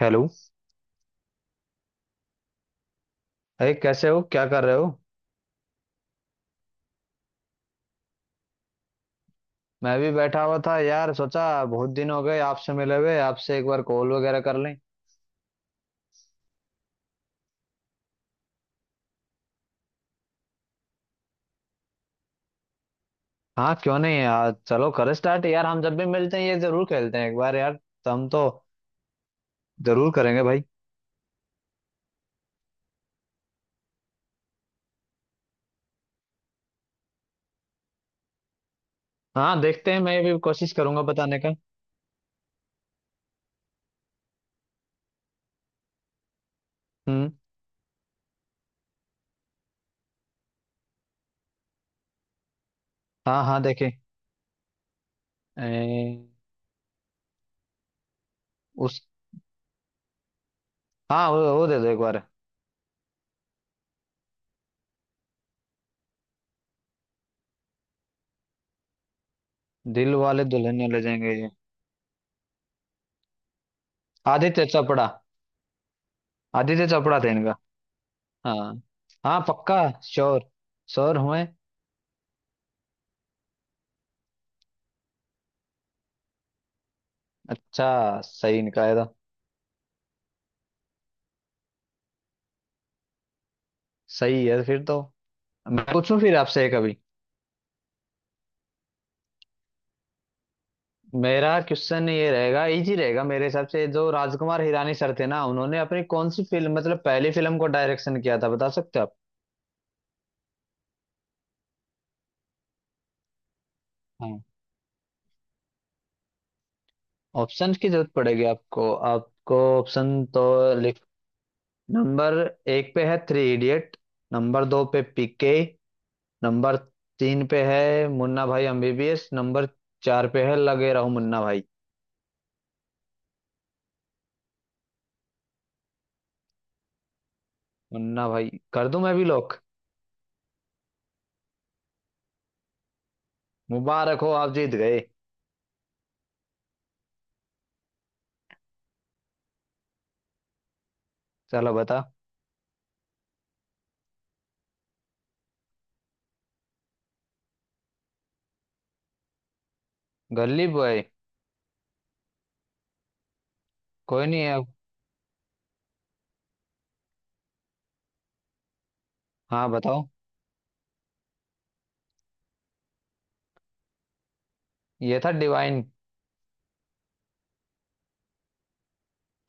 Hello. अरे कैसे हो, क्या कर रहे हो? मैं भी बैठा हुआ था यार, सोचा बहुत दिन हो गए आपसे मिले हुए, आपसे एक बार कॉल वगैरह कर लें। हाँ, क्यों नहीं यार, चलो करें स्टार्ट। यार हम जब भी मिलते हैं ये जरूर खेलते हैं एक बार यार। तो हम तो जरूर करेंगे भाई। हाँ देखते हैं, मैं भी कोशिश करूंगा बताने का। हम्म। हाँ हाँ देखे। ए, उस हाँ वो दे दो एक बार। दिल वाले दुल्हनिया ले जाएंगे ये? आदित्य चोपड़ा। आदित्य चोपड़ा थे इनका। हाँ, हाँ पक्का। श्योर। श्योर हुए। अच्छा, सही निकाला था। सही है फिर तो। मैं पूछूं फिर आपसे कभी? मेरा क्वेश्चन ये रहेगा, इजी रहेगा मेरे हिसाब से। जो राजकुमार हिरानी सर थे ना, उन्होंने अपनी कौन सी फिल्म मतलब पहली फिल्म को डायरेक्शन किया था, बता सकते हो आप? हाँ ऑप्शन की जरूरत पड़ेगी आपको, आपको ऑप्शन तो लिख। नंबर एक पे है थ्री इडियट। नंबर दो पे पीके। नंबर तीन पे है मुन्ना भाई एमबीबीएस। नंबर चार पे है लगे रहो मुन्ना भाई। मुन्ना भाई कर दूं मैं भी लॉक। मुबारक हो, आप जीत गए। चलो बता। गली बॉय। कोई नहीं है अब। हाँ बताओ। ये था डिवाइन।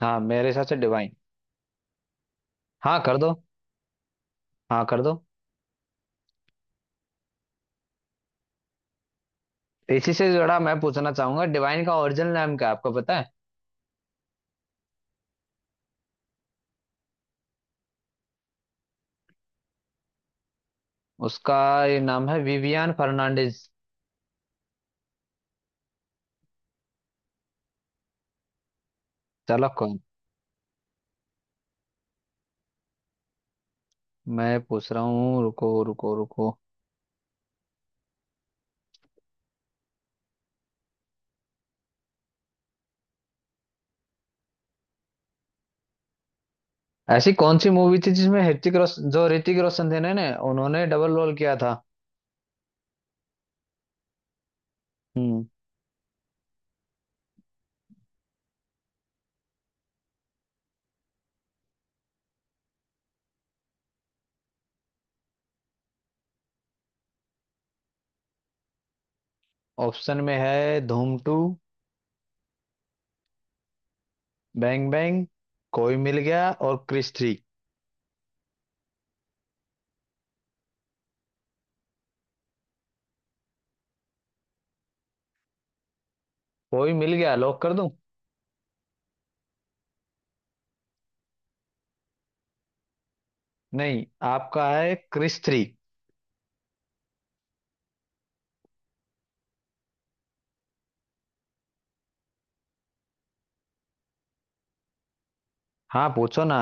हाँ मेरे हिसाब से डिवाइन। हाँ कर दो। हाँ कर दो। इसी से जुड़ा मैं पूछना चाहूंगा, डिवाइन का ओरिजिनल नाम क्या है, आपको पता है? उसका ये नाम है विवियान फर्नांडिस। चलो कौन। मैं पूछ रहा हूँ, रुको रुको रुको। ऐसी कौन सी मूवी थी जिसमें ऋतिक रोशन, जो ऋतिक रोशन थे ना ना, उन्होंने डबल रोल किया था? हम्म। ऑप्शन में है Dhoom two, bang bang, Koi Mil गया और क्रिश थ्री। कोई मिल गया, लॉक कर दूं? नहीं, आपका है क्रिस थ्री। हाँ पूछो ना।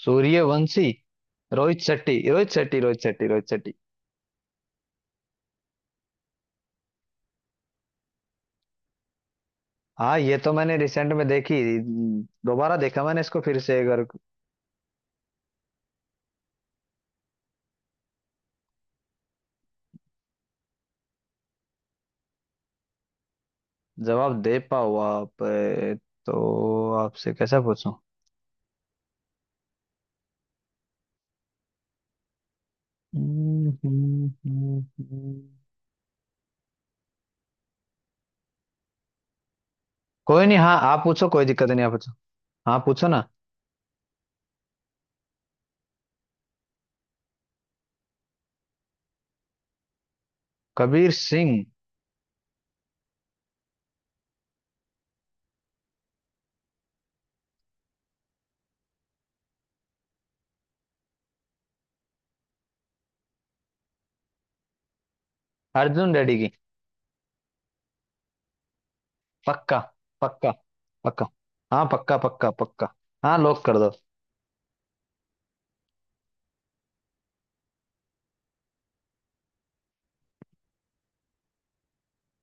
सूर्यवंशी। रोहित शेट्टी, रोहित शेट्टी, रोहित शेट्टी, रोहित शेट्टी। हाँ, ये तो मैंने रिसेंट में देखी, दोबारा देखा मैंने इसको फिर से अगर। जवाब दे पाओ आप, तो आपसे कैसे पूछूं? हम्म, हम्म, हम्म, हम्म। कोई नहीं, हाँ आप पूछो, कोई दिक्कत नहीं, आप पूछो। हाँ पूछो ना। कबीर सिंह। अर्जुन रेड्डी की। पक्का, पक्का, पक्का। हाँ पक्का, पक्का, पक्का। हाँ लॉक कर दो।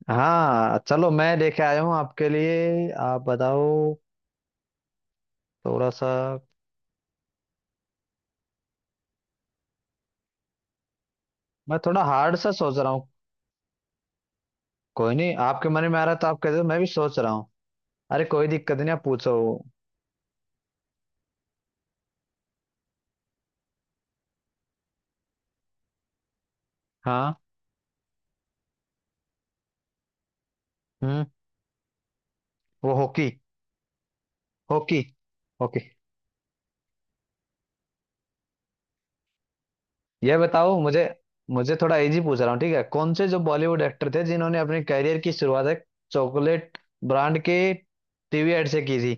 हाँ चलो, मैं लेके आया हूँ आपके लिए, आप बताओ। थोड़ा सा मैं थोड़ा हार्ड सा सोच रहा हूँ। कोई नहीं, आपके मन में आ रहा है तो आप कहते हो, मैं भी सोच रहा हूँ। अरे कोई दिक्कत नहीं, आप पूछो। हाँ। हम्म। वो हॉकी। हॉकी। हॉकी। ये बताओ मुझे, मुझे थोड़ा इजी पूछ रहा हूँ, ठीक है। कौन से जो बॉलीवुड एक्टर थे जिन्होंने अपने करियर की शुरुआत एक चॉकलेट ब्रांड के टीवी एड से की थी?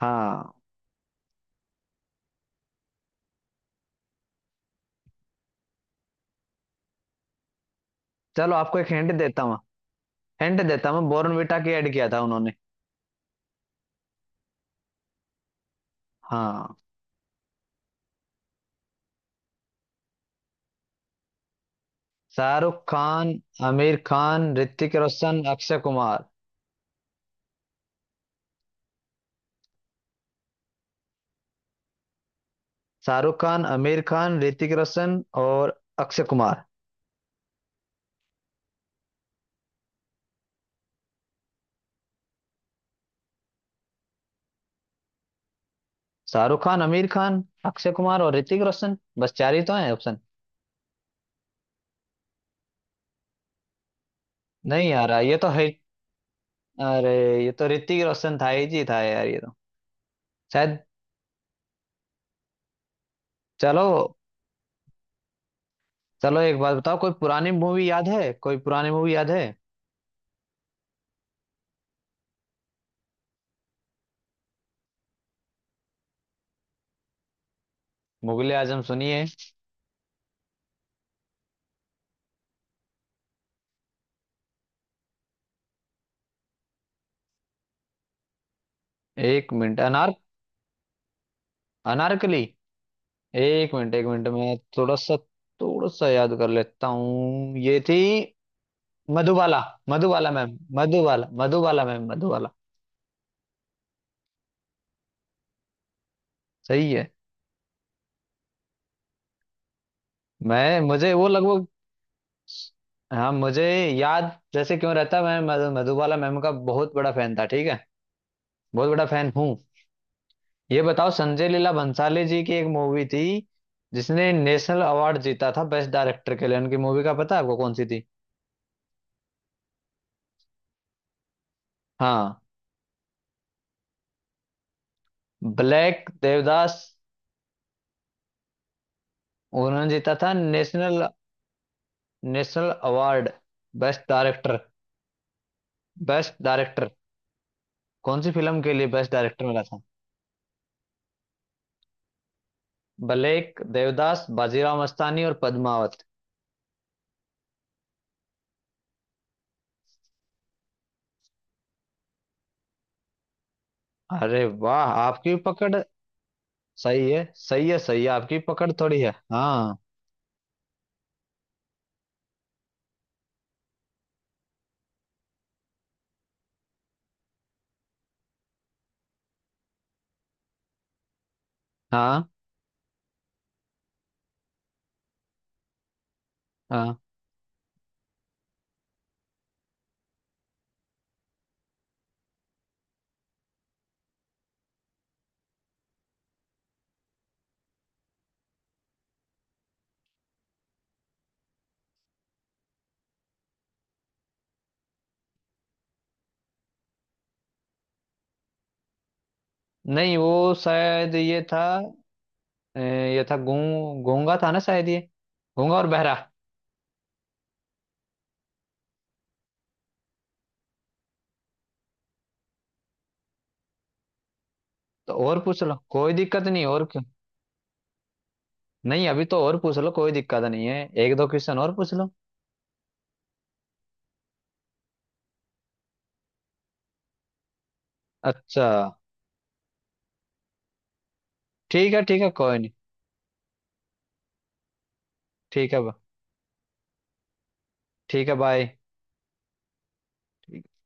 हाँ। चलो आपको एक हिंट देता हूँ, हिंट देता हूँ, बॉर्नविटा की ऐड किया था उन्होंने। हाँ। शाहरुख खान, आमिर खान, ऋतिक रोशन, अक्षय कुमार। शाहरुख खान, आमिर खान, ऋतिक रोशन और अक्षय कुमार। शाहरुख खान, आमिर खान, अक्षय कुमार और ऋतिक रोशन, बस चार ही तो हैं ऑप्शन। नहीं यार ये तो है। अरे ये तो ऋतिक रोशन था ही जी, था यार ये तो शायद। चलो। चलो एक बात बताओ, कोई पुरानी मूवी याद है, कोई पुरानी मूवी याद है? मुगले आजम सुनिए। एक मिनट, अनार, अनारकली, एक मिनट, एक मिनट, मैं थोड़ा सा, थोड़ा सा याद कर लेता हूँ, ये थी मधुबाला। Madhubala ma'am, Madhubala, Madhubala ma'am, Madhubala. सही है। मैं मुझे वो लगभग। हाँ मुझे याद जैसे क्यों रहता, मैं मधुबाला मैम का बहुत बड़ा फैन था, ठीक है, बहुत बड़ा फैन हूँ। ये बताओ, संजय लीला भंसाली जी की एक मूवी थी जिसने नेशनल अवार्ड जीता था बेस्ट डायरेक्टर के लिए, उनकी मूवी का पता है आपको कौन सी थी? हाँ, ब्लैक, देवदास। उन्होंने जीता था national. National award. Best director. Best director. कौन सी फिल्म के लिए बेस्ट डायरेक्टर मिला था? ब्लेक, देवदास, बाजीराव मस्तानी और पद्मावत। अरे वाह, आपकी पकड़। सही है, सही है, सही है, आपकी पकड़ थोड़ी है हाँ। हाँ हाँ। नहीं वो शायद ये था। ये था गूंगा था ना शायद, ये गूंगा और बहरा। तो और पूछ लो, कोई दिक्कत नहीं, और क्यों नहीं, अभी तो और पूछ लो, कोई दिक्कत नहीं है, एक दो क्वेश्चन और पूछ लो। अच्छा ठीक है, ठीक है कोई नहीं। ठीक है, ठीक है बाय।